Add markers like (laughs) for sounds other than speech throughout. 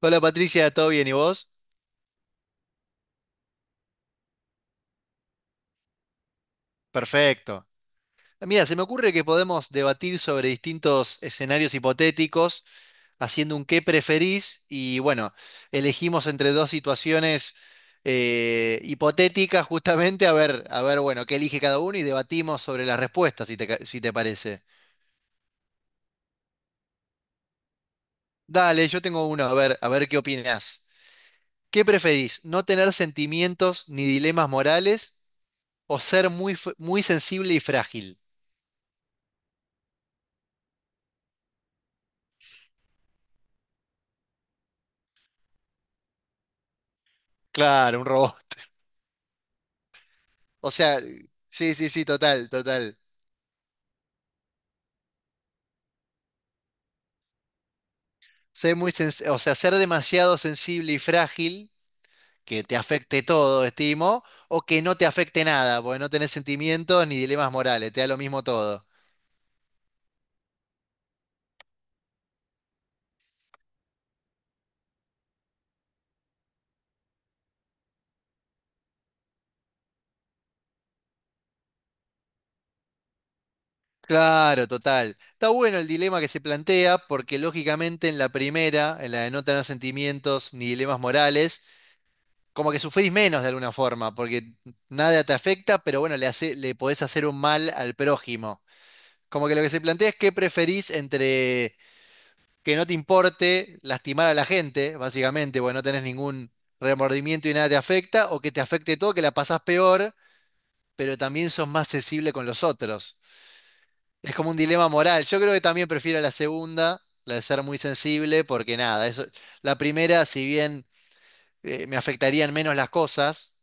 Hola Patricia, ¿todo bien? ¿Y vos? Perfecto. Mira, se me ocurre que podemos debatir sobre distintos escenarios hipotéticos, haciendo un qué preferís y bueno, elegimos entre dos situaciones hipotéticas justamente a ver, bueno, qué elige cada uno y debatimos sobre las respuestas, si te parece. Dale, yo tengo uno, a ver qué opinás. ¿Qué preferís? ¿No tener sentimientos ni dilemas morales o ser muy sensible y frágil? Claro, un robot. O sea, sí, sí, sí, total, total. Ser muy sens- o sea, Ser demasiado sensible y frágil, que te afecte todo, estimo, o que no te afecte nada, porque no tenés sentimientos ni dilemas morales, te da lo mismo todo. Claro, total. Está bueno el dilema que se plantea, porque lógicamente en la primera, en la de no tener sentimientos ni dilemas morales, como que sufrís menos de alguna forma, porque nada te afecta, pero bueno, le podés hacer un mal al prójimo. Como que lo que se plantea es qué preferís entre que no te importe lastimar a la gente, básicamente, porque no tenés ningún remordimiento y nada te afecta, o que te afecte todo, que la pasás peor, pero también sos más sensible con los otros. Es como un dilema moral. Yo creo que también prefiero la segunda, la de ser muy sensible, porque nada, eso, la primera, si bien me afectarían menos las cosas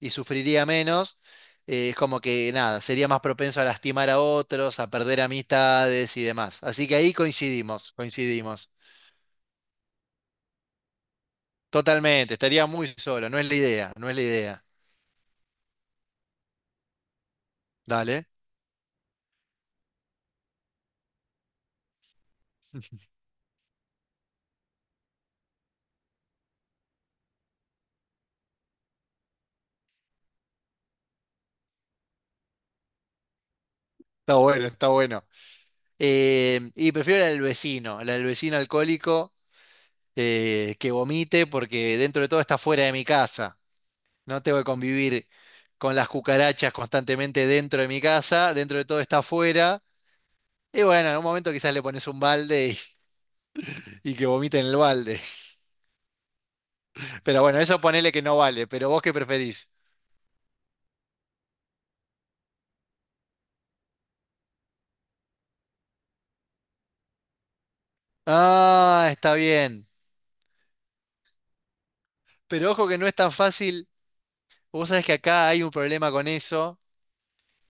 y sufriría menos, es como que nada, sería más propenso a lastimar a otros, a perder amistades y demás. Así que ahí coincidimos, coincidimos. Totalmente, estaría muy solo, no es la idea, no es la idea. Dale, está bueno, está bueno. Y prefiero la del vecino alcohólico que vomite porque dentro de todo está fuera de mi casa. No tengo que convivir con las cucarachas constantemente dentro de mi casa, dentro de todo está fuera. Y bueno, en un momento quizás le pones un balde y que vomite en el balde. (laughs) Pero bueno, eso ponele que no vale, pero vos qué preferís. Ah, está bien. Pero ojo que no es tan fácil. Vos sabés que acá hay un problema con eso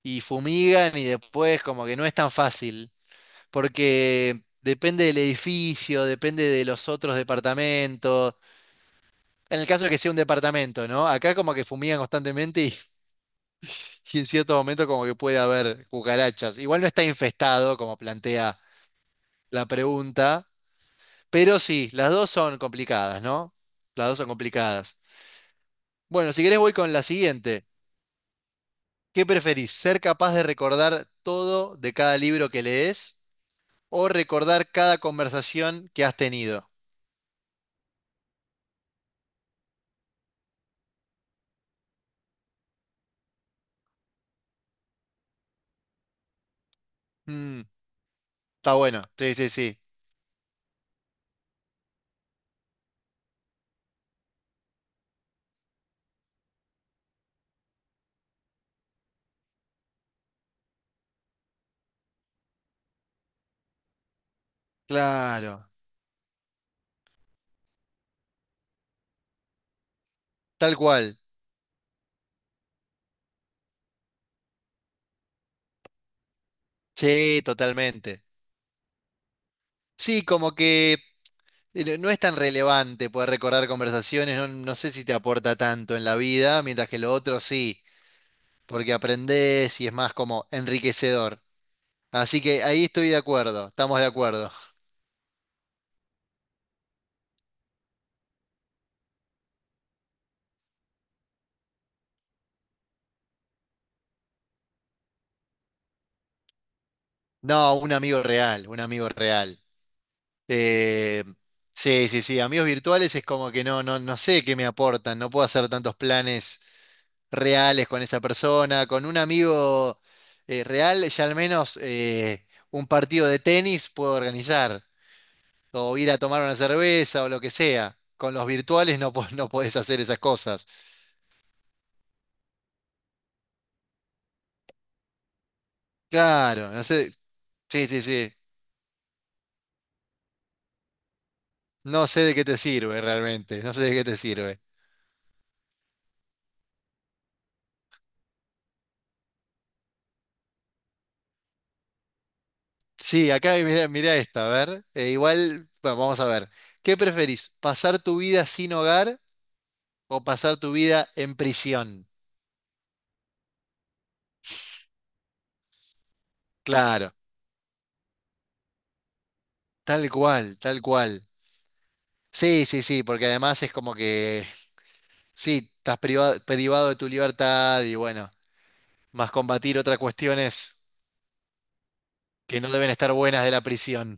y fumigan y después como que no es tan fácil, porque depende del edificio, depende de los otros departamentos. En el caso de que sea un departamento, ¿no? Acá como que fumigan constantemente (laughs) y en cierto momento como que puede haber cucarachas. Igual no está infestado, como plantea la pregunta, pero sí, las dos son complicadas, ¿no? Las dos son complicadas. Bueno, si querés voy con la siguiente. ¿Qué preferís? ¿Ser capaz de recordar todo de cada libro que lees o recordar cada conversación que has tenido? Mm, está bueno, sí, sí, sí. Claro, tal cual. Sí, totalmente. Sí, como que no es tan relevante poder recordar conversaciones, no, no sé si te aporta tanto en la vida, mientras que lo otro sí, porque aprendés y es más como enriquecedor. Así que ahí estoy de acuerdo, estamos de acuerdo. No, un amigo real, un amigo real. Eh, sí, sí, sí, amigos virtuales es como que no, no, no sé qué me aportan, no puedo hacer tantos planes reales con esa persona, con un amigo real ya al menos un partido de tenis puedo organizar, o ir a tomar una cerveza o lo que sea. Con los virtuales no, (laughs) no podés hacer esas cosas. Claro, no sé, sí, sí, sí, no sé de qué te sirve realmente, no sé de qué te sirve. Sí, acá mira, mira esta, a ver. Igual, bueno, vamos a ver. ¿Qué preferís? ¿Pasar tu vida sin hogar o pasar tu vida en prisión? Claro, tal cual, tal cual. Sí, sí, sí, porque además es como que, sí, estás privado, privado de tu libertad y bueno, más combatir otras cuestiones que no deben estar buenas de la prisión.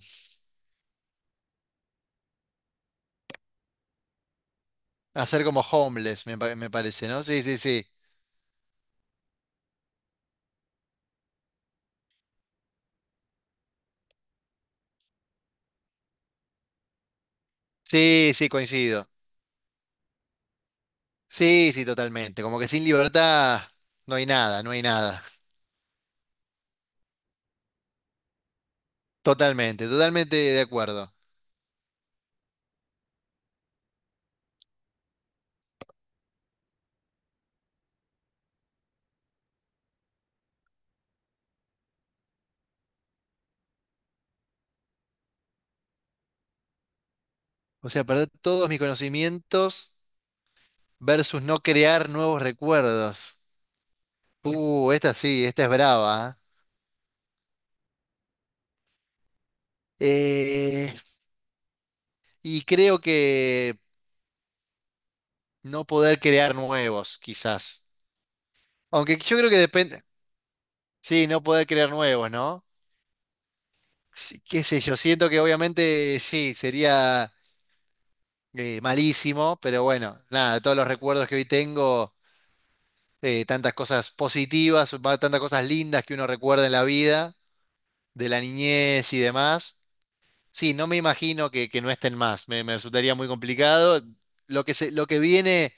Hacer como homeless, me parece, ¿no? Sí, sí, sí. Sí, sí, coincido. Sí, sí, totalmente. Como que sin libertad no hay nada, no hay nada. Totalmente, totalmente de acuerdo. O sea, perder todos mis conocimientos versus no crear nuevos recuerdos. Esta sí, esta es brava. ¿Eh? Y creo que no poder crear nuevos, quizás. Aunque yo creo que depende. Sí, no poder crear nuevos, ¿no? Sí, qué sé yo, siento que obviamente sí, sería malísimo, pero bueno, nada, todos los recuerdos que hoy tengo, tantas cosas positivas, tantas cosas lindas que uno recuerda en la vida. De la niñez y demás. Sí, no me imagino que no estén más, me resultaría muy complicado. Lo que viene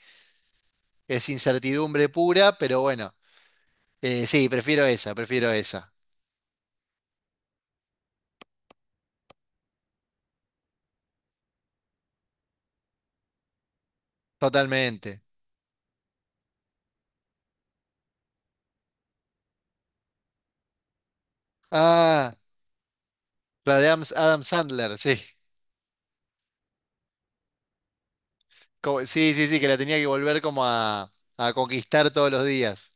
es incertidumbre pura, pero bueno, sí, prefiero esa, totalmente. Ah, la de Adam, Adam Sandler, sí. Sí, sí, sí, que la tenía que volver como a conquistar todos los días.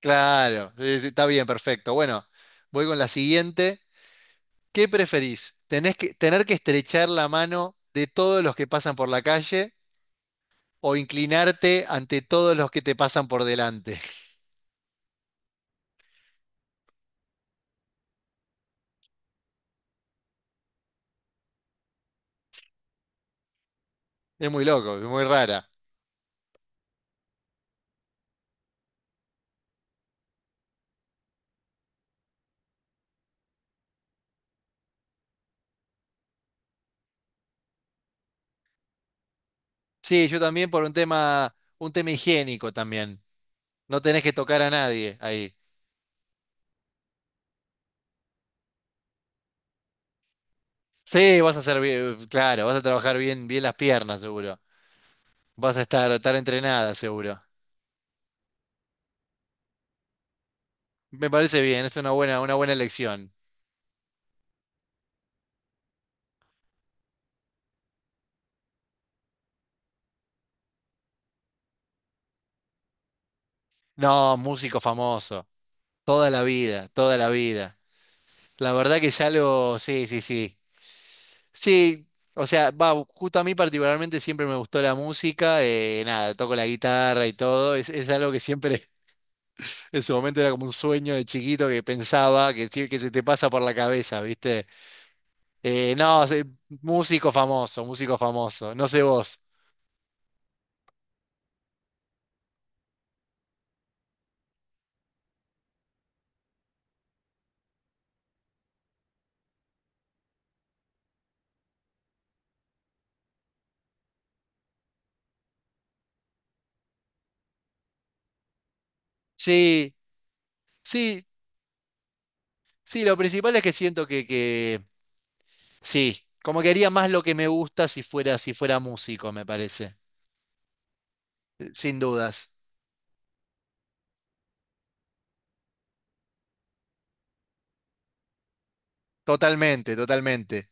Claro, sí, sí, está bien, perfecto. Bueno, voy con la siguiente. ¿Qué preferís? Tener que estrechar la mano de todos los que pasan por la calle o inclinarte ante todos los que te pasan por delante? (laughs) Es muy loco, es muy rara. Sí, yo también por un tema higiénico también. No tenés que tocar a nadie ahí. Sí, vas a hacer bien, claro, vas a trabajar bien, bien las piernas, seguro. Vas a estar, estar entrenada, seguro. Me parece bien, es una buena elección. No, músico famoso. Toda la vida, toda la vida. La verdad que es algo, sí, sí, sí. Sí, o sea, va, justo a mí particularmente siempre me gustó la música, nada, toco la guitarra y todo, es algo que siempre (laughs) en su momento era como un sueño de chiquito que pensaba, que se te pasa por la cabeza, ¿viste? No, se- Músico famoso, músico famoso, no sé vos. Sí, sí, sí, lo principal es que siento que sí, como que haría más lo que me gusta si fuera, si fuera músico, me parece, sin dudas, totalmente, totalmente.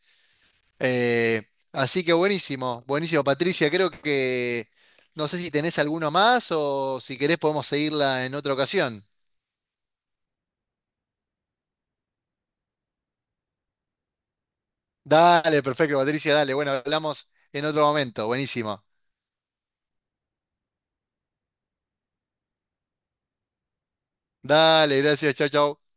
Eh, Así que buenísimo, buenísimo, Patricia. Creo que no sé si tenés alguno más o si querés podemos seguirla en otra ocasión. Dale, perfecto, Patricia, dale. Bueno, hablamos en otro momento. Buenísimo. Dale, gracias, chau, chau.